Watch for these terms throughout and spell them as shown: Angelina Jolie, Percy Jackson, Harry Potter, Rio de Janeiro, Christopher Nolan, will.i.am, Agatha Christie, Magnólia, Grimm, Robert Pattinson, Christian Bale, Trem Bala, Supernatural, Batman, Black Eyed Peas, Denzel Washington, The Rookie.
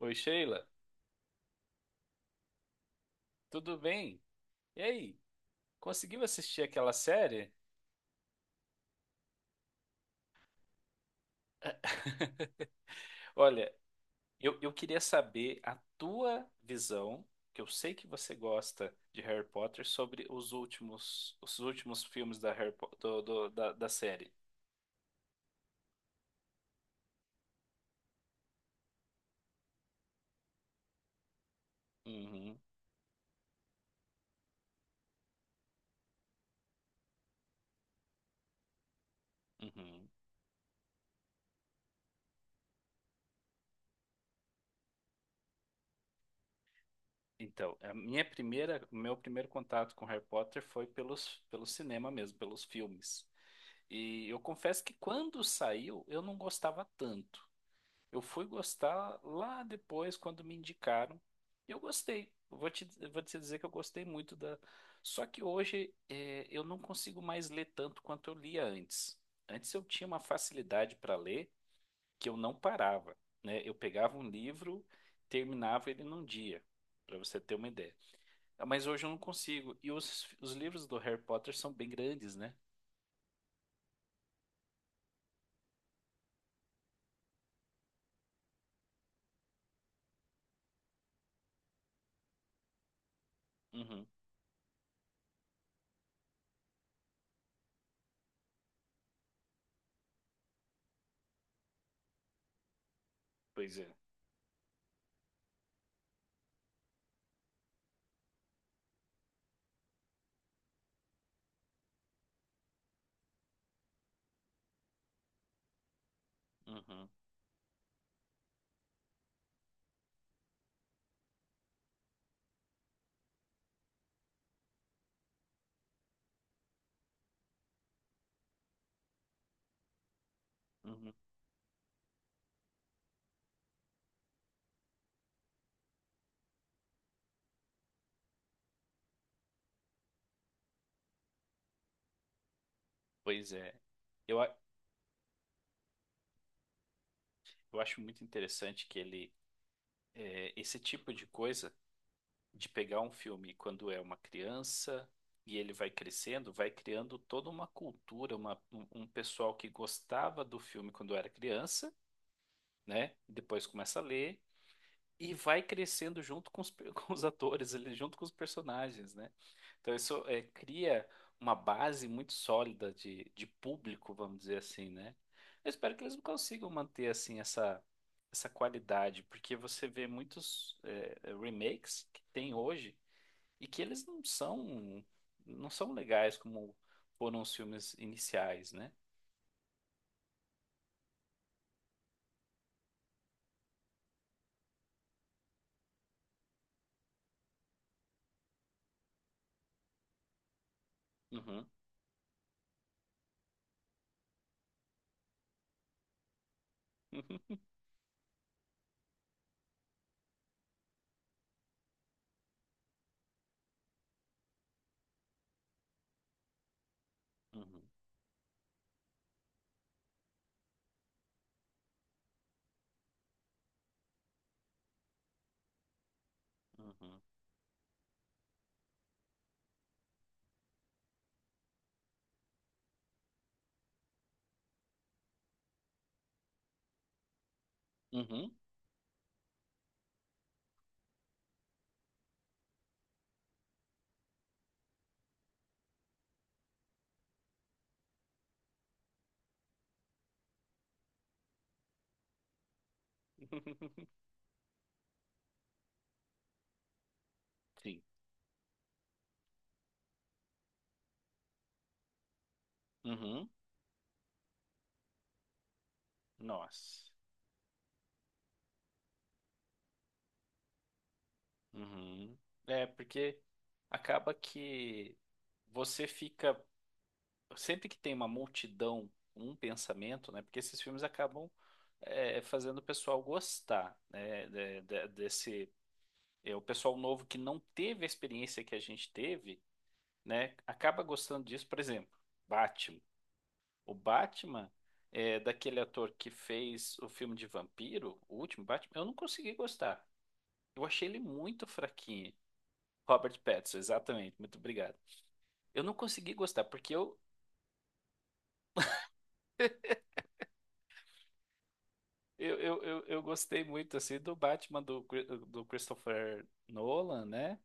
Oi, Sheila, tudo bem? E aí, conseguiu assistir aquela série? Olha, eu queria saber a tua visão, que eu sei que você gosta de Harry Potter, sobre os últimos filmes da, Harry Po- do- do- da, da série. Uhum, uhum. Então, o meu primeiro contato com Harry Potter foi pelo cinema mesmo, pelos filmes. E eu confesso que quando saiu, eu não gostava tanto. Eu fui gostar lá depois, quando me indicaram. E eu gostei. Eu vou te dizer que eu gostei muito da. Só que hoje eu não consigo mais ler tanto quanto eu lia antes. Antes eu tinha uma facilidade para ler que eu não parava, né? Eu pegava um livro, terminava ele num dia, para você ter uma ideia. Ah, mas hoje eu não consigo. E os livros do Harry Potter são bem grandes, né? Uhum, pois é. Uhum, uhum, pois é. Eu, a- eu acho muito interessante que ele esse tipo de coisa, de pegar um filme quando é uma criança e ele vai crescendo, vai criando toda uma cultura, um pessoal que gostava do filme quando era criança, né? Depois começa a ler e vai crescendo junto com os atores, ali, junto com os personagens, né? Então isso cria uma base muito sólida de público, vamos dizer assim, né? Eu espero que eles consigam manter assim essa qualidade, porque você vê muitos remakes que tem hoje e que eles não são legais como foram os filmes iniciais, né? Uhum. Uhum. Uhum. Uhum. Sim. Uhum. Nossa. Uhum. É, porque acaba que você fica. Sempre que tem uma multidão, um pensamento, né? Porque esses filmes acabam fazendo o pessoal gostar, né? Desse. É, o pessoal novo que não teve a experiência que a gente teve, né? Acaba gostando disso. Por exemplo, Batman. O Batman é daquele ator que fez o filme de vampiro, o último Batman. Eu não consegui gostar. Eu achei ele muito fraquinho. Robert Pattinson, exatamente. Muito obrigado. Eu não consegui gostar, porque eu gostei muito assim do Batman do Christopher Nolan, né?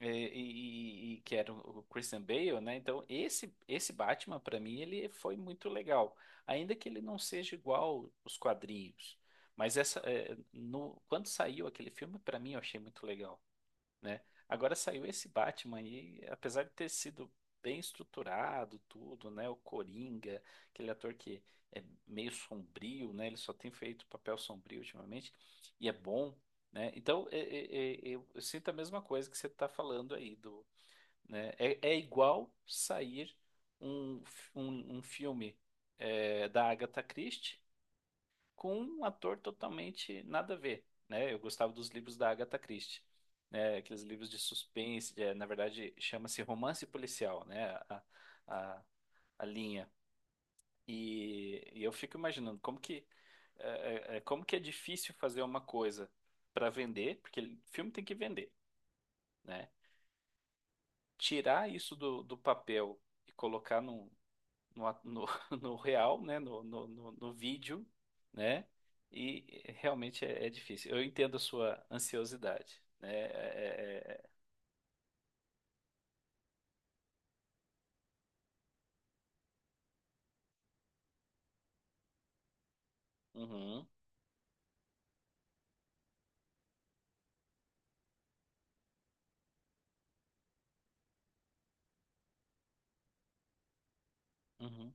E que era o Christian Bale, né? Então, esse Batman, pra mim, ele foi muito legal. Ainda que ele não seja igual os quadrinhos. Mas essa, é, no, quando saiu aquele filme, pra mim, eu achei muito legal, né? Agora saiu esse Batman aí, apesar de ter sido bem estruturado tudo, né? O Coringa, aquele ator que é meio sombrio, né? Ele só tem feito papel sombrio ultimamente e é bom, né? Então, eu sinto a mesma coisa que você está falando aí do, né? É, é igual sair um filme da Agatha Christie com um ator totalmente nada a ver, né? Eu gostava dos livros da Agatha Christie, né? Aqueles livros de suspense, é, na verdade chama-se romance policial, né? A, a linha. E eu fico imaginando como que é, como que é difícil fazer uma coisa para vender, porque filme tem que vender, né? Tirar isso do, do papel e colocar num, no, a- no, no real, né? No vídeo, né? E realmente é difícil. Eu entendo a sua ansiosidade, né? Uhum, uhum,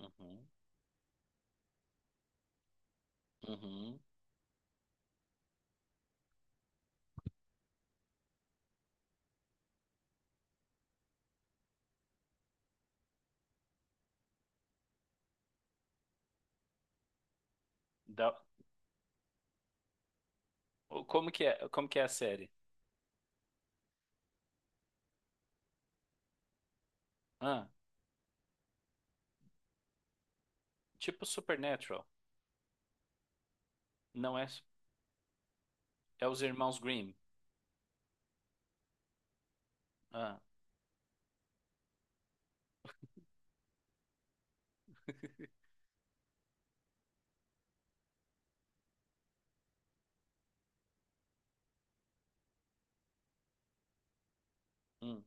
uhum, uhum. Da- como que é a série? Ah, tipo Supernatural. Não é, é os irmãos Grimm. Ah, hum,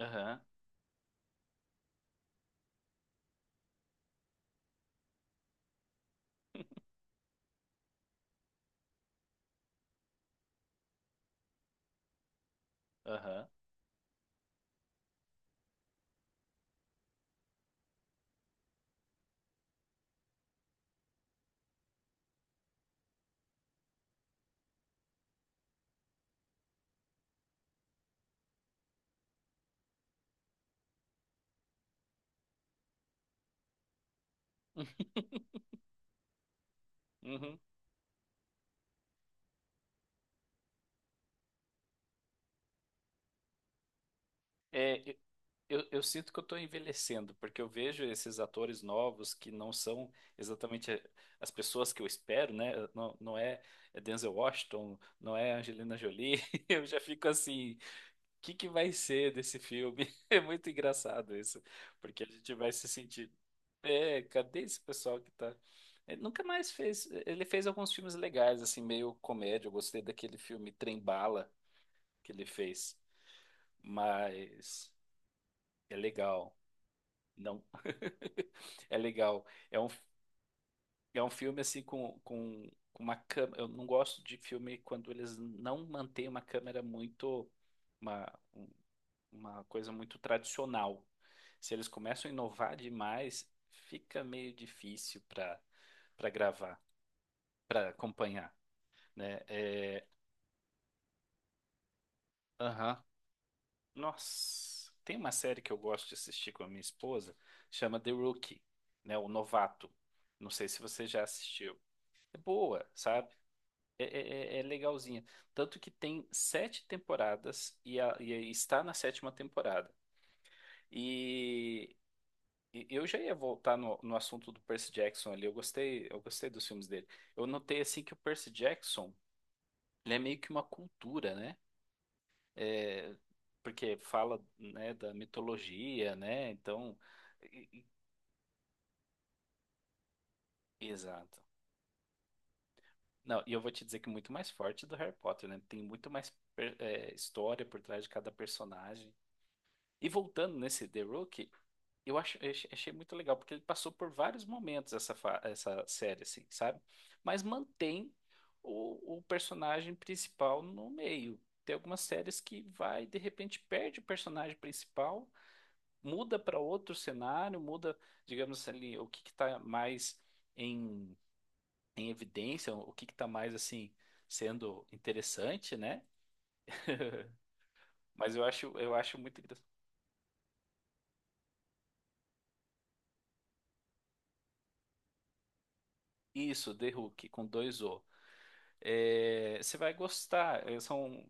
aham, aham. Uhum. É, eu sinto que eu estou envelhecendo, porque eu vejo esses atores novos que não são exatamente as pessoas que eu espero, né? Não, não é Denzel Washington, não é Angelina Jolie. Eu já fico assim, o que que vai ser desse filme? É muito engraçado isso, porque a gente vai se sentir, é, cadê esse pessoal que tá? Ele nunca mais fez. Ele fez alguns filmes legais, assim, meio comédia. Eu gostei daquele filme Trem Bala que ele fez, mas é legal. Não, é legal. É um, é um filme assim com uma câmera. Eu não gosto de filme quando eles não mantêm uma câmera muito. Uma, um- uma coisa muito tradicional. Se eles começam a inovar demais, fica meio difícil para gravar, para acompanhar, né? É, aham. Nossa, tem uma série que eu gosto de assistir com a minha esposa, chama The Rookie, né? O Novato. Não sei se você já assistiu. É boa, sabe? É legalzinha. Tanto que tem sete temporadas e está na sétima temporada. E, e eu já ia voltar no, no assunto do Percy Jackson ali. Eu gostei dos filmes dele. Eu notei assim que o Percy Jackson, ele é meio que uma cultura, né? É, porque fala, né, da mitologia, né? Então, e- e- exato. Não, e eu vou te dizer que é muito mais forte do Harry Potter, né? Tem muito mais história por trás de cada personagem. E voltando nesse The Rookie, eu acho eu ach- achei muito legal, porque ele passou por vários momentos essa série, assim, sabe? Mas mantém o personagem principal no meio. Tem algumas séries que vai, de repente, perde o personagem principal, muda para outro cenário, muda, digamos ali, o que que tá mais em, em evidência, o que que tá mais, assim, sendo interessante, né? Mas eu acho muito engraçado. Isso, The Hook, com dois O. É, você vai gostar. É,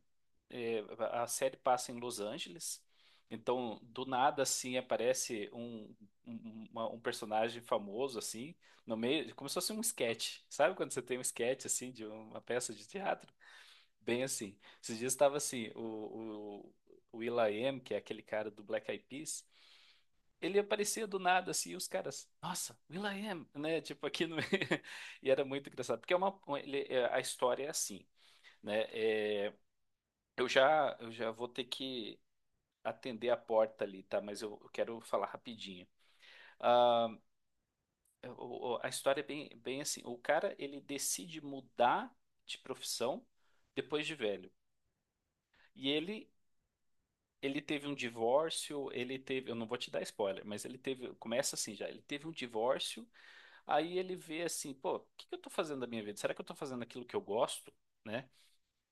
é, a série passa em Los Angeles, então do nada assim aparece um personagem famoso assim no meio, como se fosse um sketch. Sabe quando você tem um sketch assim de uma peça de teatro? Bem assim. Esses dias estava assim o will.i.am, que é aquele cara do Black Eyed Peas. Ele aparecia do nada assim, e os caras, nossa, will.i.am, né? Tipo aqui no e era muito engraçado porque é a história é assim, né? É, eu já vou ter que atender a porta ali, tá? Mas eu quero falar rapidinho. Ah, a história é bem, bem assim. O cara, ele decide mudar de profissão depois de velho. E ele teve um divórcio, ele teve, eu não vou te dar spoiler, mas ele teve, começa assim já, ele teve um divórcio, aí ele vê assim, pô, o que que eu tô fazendo da minha vida? Será que eu tô fazendo aquilo que eu gosto? Né?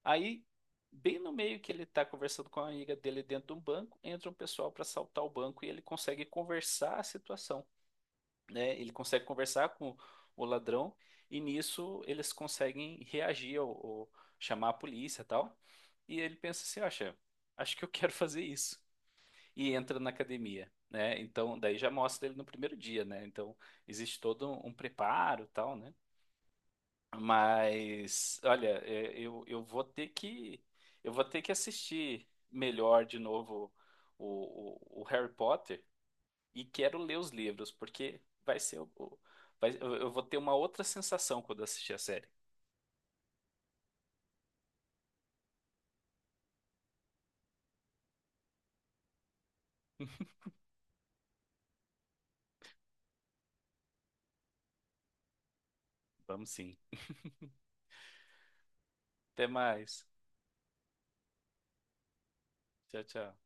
Aí, bem no meio que ele está conversando com a amiga dele dentro de um banco, entra um pessoal para assaltar o banco e ele consegue conversar a situação, né? Ele consegue conversar com o ladrão e nisso eles conseguem reagir ou chamar a polícia e tal. E ele pensa assim, acha, acho que eu quero fazer isso. E entra na academia, né? Então, daí já mostra ele no primeiro dia, né? Então, existe todo um preparo e tal, né? Mas, olha, é, eu vou ter que eu vou ter que assistir melhor de novo o Harry Potter e quero ler os livros, porque vai ser eu vou ter uma outra sensação quando assistir a série. Vamos sim. Até mais. Tchau, tchau.